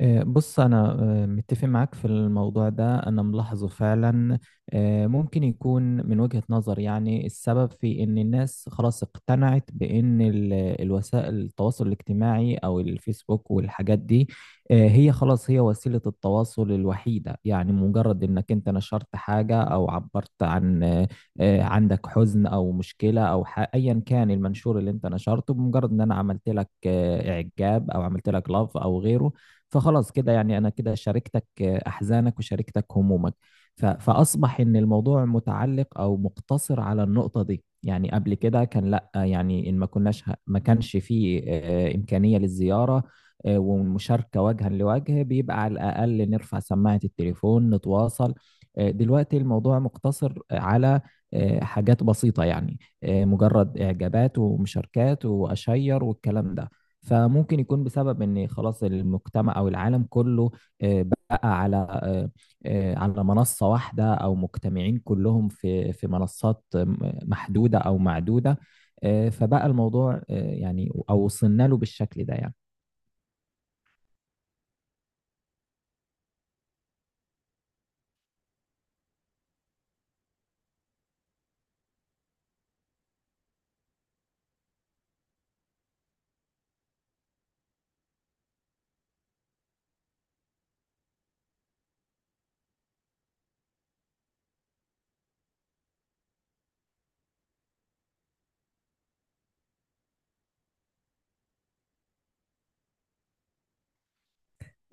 إيه، بص أنا متفق معاك في الموضوع ده، أنا ملاحظه فعلا. ممكن يكون من وجهة نظر، يعني السبب في إن الناس خلاص اقتنعت بإن الوسائل التواصل الاجتماعي أو الفيسبوك والحاجات دي هي خلاص، هي وسيلة التواصل الوحيدة، يعني مجرد إنك أنت نشرت حاجة أو عبرت عن عندك حزن أو مشكلة أو أيا كان المنشور اللي أنت نشرته، بمجرد إن أنا عملت لك إعجاب أو عملت لك لاف أو غيره، فخلاص كده يعني انا كده شاركتك احزانك وشاركتك همومك. فاصبح ان الموضوع متعلق او مقتصر على النقطة دي. يعني قبل كده كان لا، يعني ان ما كانش فيه امكانية للزيارة والمشاركة وجها لوجه، بيبقى على الاقل نرفع سماعة التليفون نتواصل. دلوقتي الموضوع مقتصر على حاجات بسيطة، يعني مجرد إعجابات ومشاركات وأشير والكلام ده. فممكن يكون بسبب ان خلاص المجتمع او العالم كله بقى على على منصة واحدة او مجتمعين كلهم في منصات محدودة او معدودة. فبقى الموضوع، يعني او وصلنا له بالشكل ده يعني.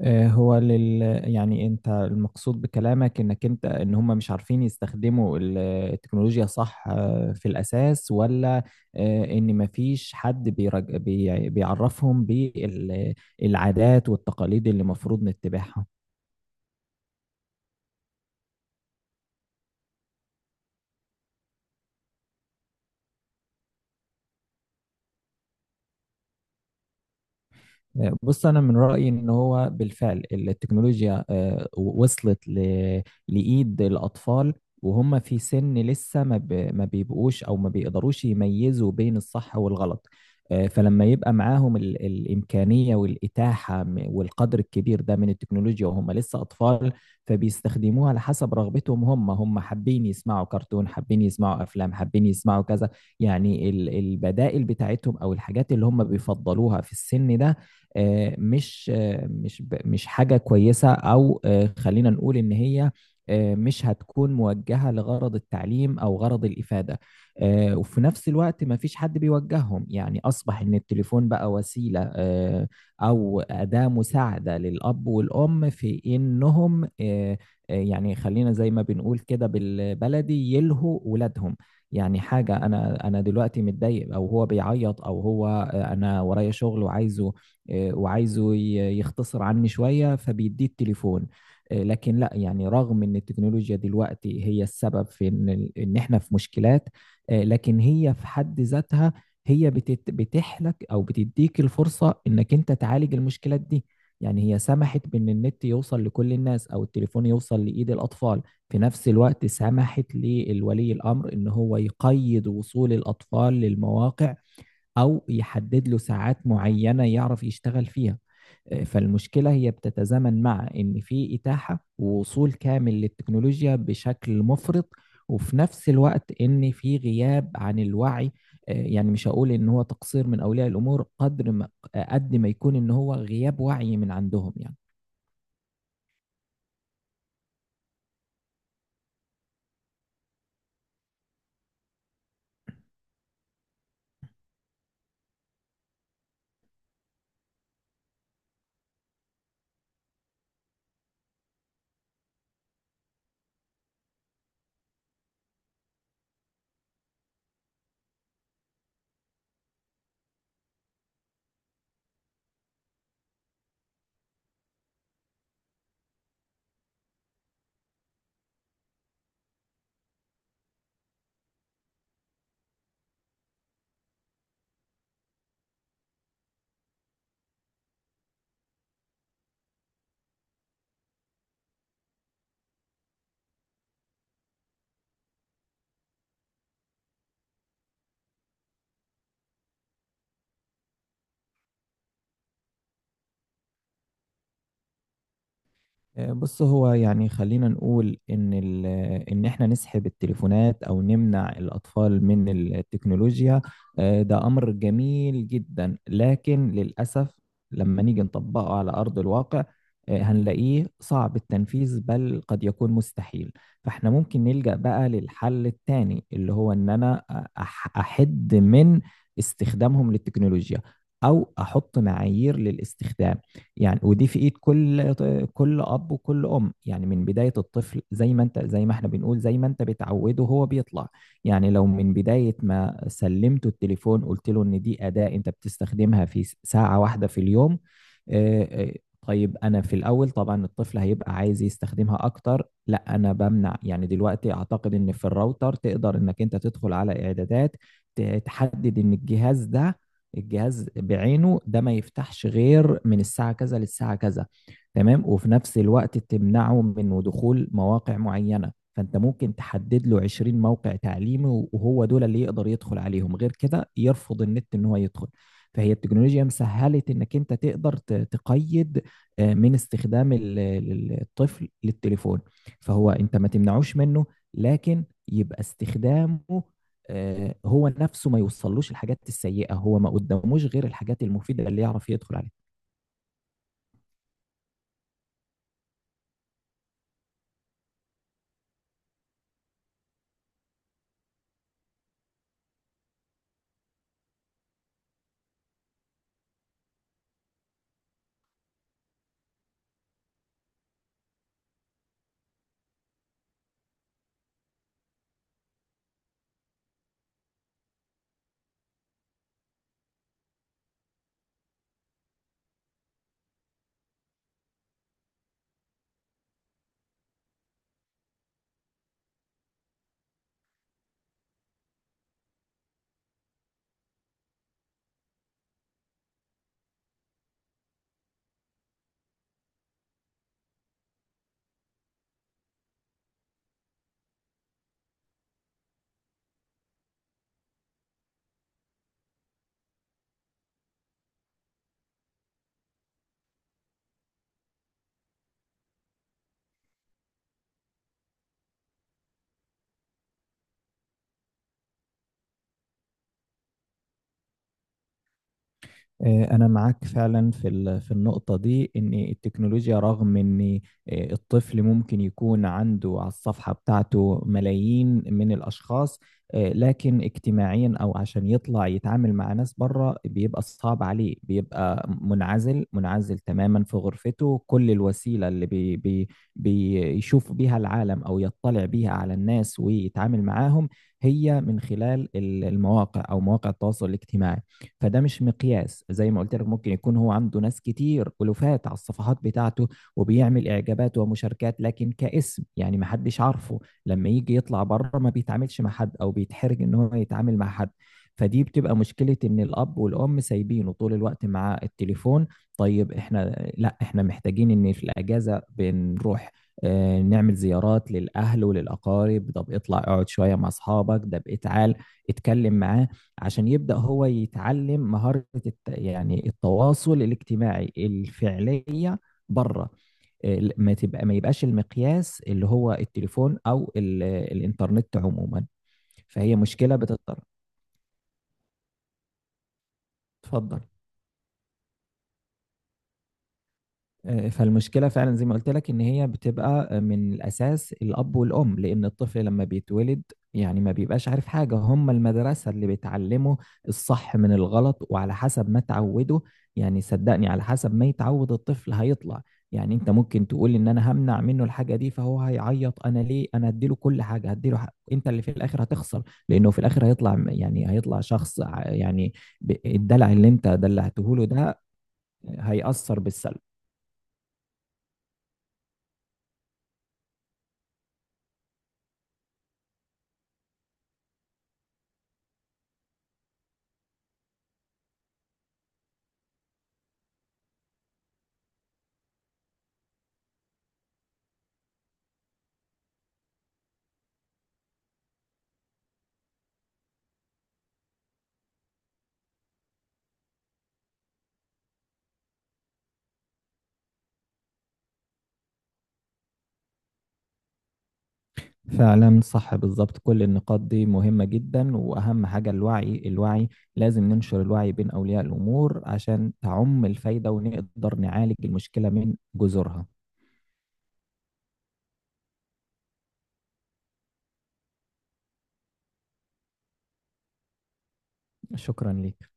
آه، هو لل يعني انت المقصود بكلامك انك انت ان هم مش عارفين يستخدموا التكنولوجيا، صح؟ في الاساس، ولا ان مفيش حد بيعرفهم بالعادات والتقاليد اللي المفروض نتبعها. بص انا من رايي ان هو بالفعل التكنولوجيا وصلت لايد الاطفال، وهم في سن لسه ما بيبقوش او ما بيقدروش يميزوا بين الصح والغلط. فلما يبقى معاهم الامكانيه والاتاحه والقدر الكبير ده من التكنولوجيا وهم لسه اطفال، فبيستخدموها على حسب رغبتهم. هم هم حابين يسمعوا كرتون، حابين يسمعوا افلام، حابين يسمعوا كذا. يعني البدائل بتاعتهم او الحاجات اللي هم بيفضلوها في السن ده مش حاجة كويسة، أو خلينا نقول إن هي مش هتكون موجهة لغرض التعليم أو غرض الإفادة. وفي نفس الوقت ما فيش حد بيوجههم، يعني أصبح إن التليفون بقى وسيلة أو أداة مساعدة للأب والأم في إنهم يعني خلينا زي ما بنقول كده بالبلدي يلهوا ولادهم. يعني حاجة أنا دلوقتي متضايق، أو هو بيعيط، أو هو أنا ورايا شغل وعايزه، وعايزه يختصر عني شوية، فبيديه التليفون. لكن لا، يعني رغم ان التكنولوجيا دلوقتي هي السبب في ان ان احنا في مشكلات، لكن هي في حد ذاتها هي بتحلك او بتديك الفرصة انك انت تعالج المشكلات دي. يعني هي سمحت بان النت يوصل لكل الناس او التليفون يوصل لايد الاطفال، في نفس الوقت سمحت للولي الامر ان هو يقيد وصول الاطفال للمواقع أو يحدد له ساعات معينة يعرف يشتغل فيها. فالمشكلة هي بتتزامن مع إن في إتاحة ووصول كامل للتكنولوجيا بشكل مفرط، وفي نفس الوقت إن في غياب عن الوعي. يعني مش هقول إن هو تقصير من أولياء الأمور، قدر ما قد ما يكون إن هو غياب وعي من عندهم يعني. بص هو يعني خلينا نقول ان ان احنا نسحب التليفونات او نمنع الاطفال من التكنولوجيا، ده امر جميل جدا، لكن للاسف لما نيجي نطبقه على ارض الواقع هنلاقيه صعب التنفيذ بل قد يكون مستحيل. فاحنا ممكن نلجأ بقى للحل التاني اللي هو ان انا احد من استخدامهم للتكنولوجيا، او احط معايير للاستخدام. يعني ودي في ايد كل اب وكل ام، يعني من بدايه الطفل زي ما انت، زي ما احنا بنقول، زي ما انت بتعوده هو بيطلع. يعني لو من بدايه ما سلمته التليفون قلت له ان دي اداه انت بتستخدمها في ساعه واحده في اليوم. آه، آه، طيب انا في الاول طبعا الطفل هيبقى عايز يستخدمها اكتر، لا انا بمنع. يعني دلوقتي اعتقد ان في الراوتر تقدر انك انت تدخل على اعدادات تحدد ان الجهاز بعينه ده ما يفتحش غير من الساعة كذا للساعة كذا، تمام. وفي نفس الوقت تمنعه من دخول مواقع معينة، فأنت ممكن تحدد له 20 موقع تعليمي، وهو دول اللي يقدر يدخل عليهم، غير كده يرفض النت إن هو يدخل. فهي التكنولوجيا مسهلت إنك أنت تقدر تقيد من استخدام الطفل للتليفون. فهو أنت ما تمنعوش منه، لكن يبقى استخدامه هو نفسه ما يوصلوش الحاجات السيئة، هو ما قداموش غير الحاجات المفيدة اللي يعرف يدخل عليها. أنا معاك فعلا في في النقطة دي، إن التكنولوجيا رغم إن الطفل ممكن يكون عنده على الصفحة بتاعته ملايين من الأشخاص، لكن اجتماعيا أو عشان يطلع يتعامل مع ناس بره بيبقى صعب عليه، بيبقى منعزل تماما في غرفته. كل الوسيلة اللي بي بي بيشوف بيها العالم أو يطلع بيها على الناس ويتعامل معاهم هي من خلال المواقع أو مواقع التواصل الاجتماعي. فده مش مقياس، زي ما قلت لك ممكن يكون هو عنده ناس كتير، ألوفات على الصفحات بتاعته وبيعمل إعجابات ومشاركات، لكن كاسم يعني ما حدش عارفه. لما يجي يطلع بره ما بيتعاملش مع حد، أو بيتحرج إن هو يتعامل مع حد. فدي بتبقى مشكلة إن الأب والأم سايبينه طول الوقت مع التليفون. طيب إحنا لا، إحنا محتاجين إن في الأجازة بنروح نعمل زيارات للأهل وللأقارب، طب اطلع اقعد شوية مع أصحابك، ده بقيت تعال اتكلم معاه، عشان يبدأ هو يتعلم مهارة يعني التواصل الاجتماعي الفعلية بره. ما يبقاش المقياس اللي هو التليفون أو ال... الإنترنت عموما. فهي مشكلة بتضطر، اتفضل. فالمشكلة فعلا زي ما قلت لك إن هي بتبقى من الأساس الأب والأم، لأن الطفل لما بيتولد يعني ما بيبقاش عارف حاجة، هم المدرسة اللي بتعلمه الصح من الغلط، وعلى حسب ما تعوده. يعني صدقني على حسب ما يتعود الطفل هيطلع. يعني أنت ممكن تقول إن أنا همنع منه الحاجة دي فهو هيعيط، أنا ليه، أنا هديله كل حاجة، هديله حق. أنت اللي في الآخر هتخسر، لأنه في الآخر هيطلع يعني هيطلع شخص يعني الدلع اللي أنت دلعته له ده هيأثر بالسلب. فعلا صح بالظبط، كل النقاط دي مهمة جدا، وأهم حاجة الوعي، الوعي لازم ننشر الوعي بين أولياء الأمور عشان تعم الفايدة ونقدر نعالج المشكلة من جذورها. شكرا ليك.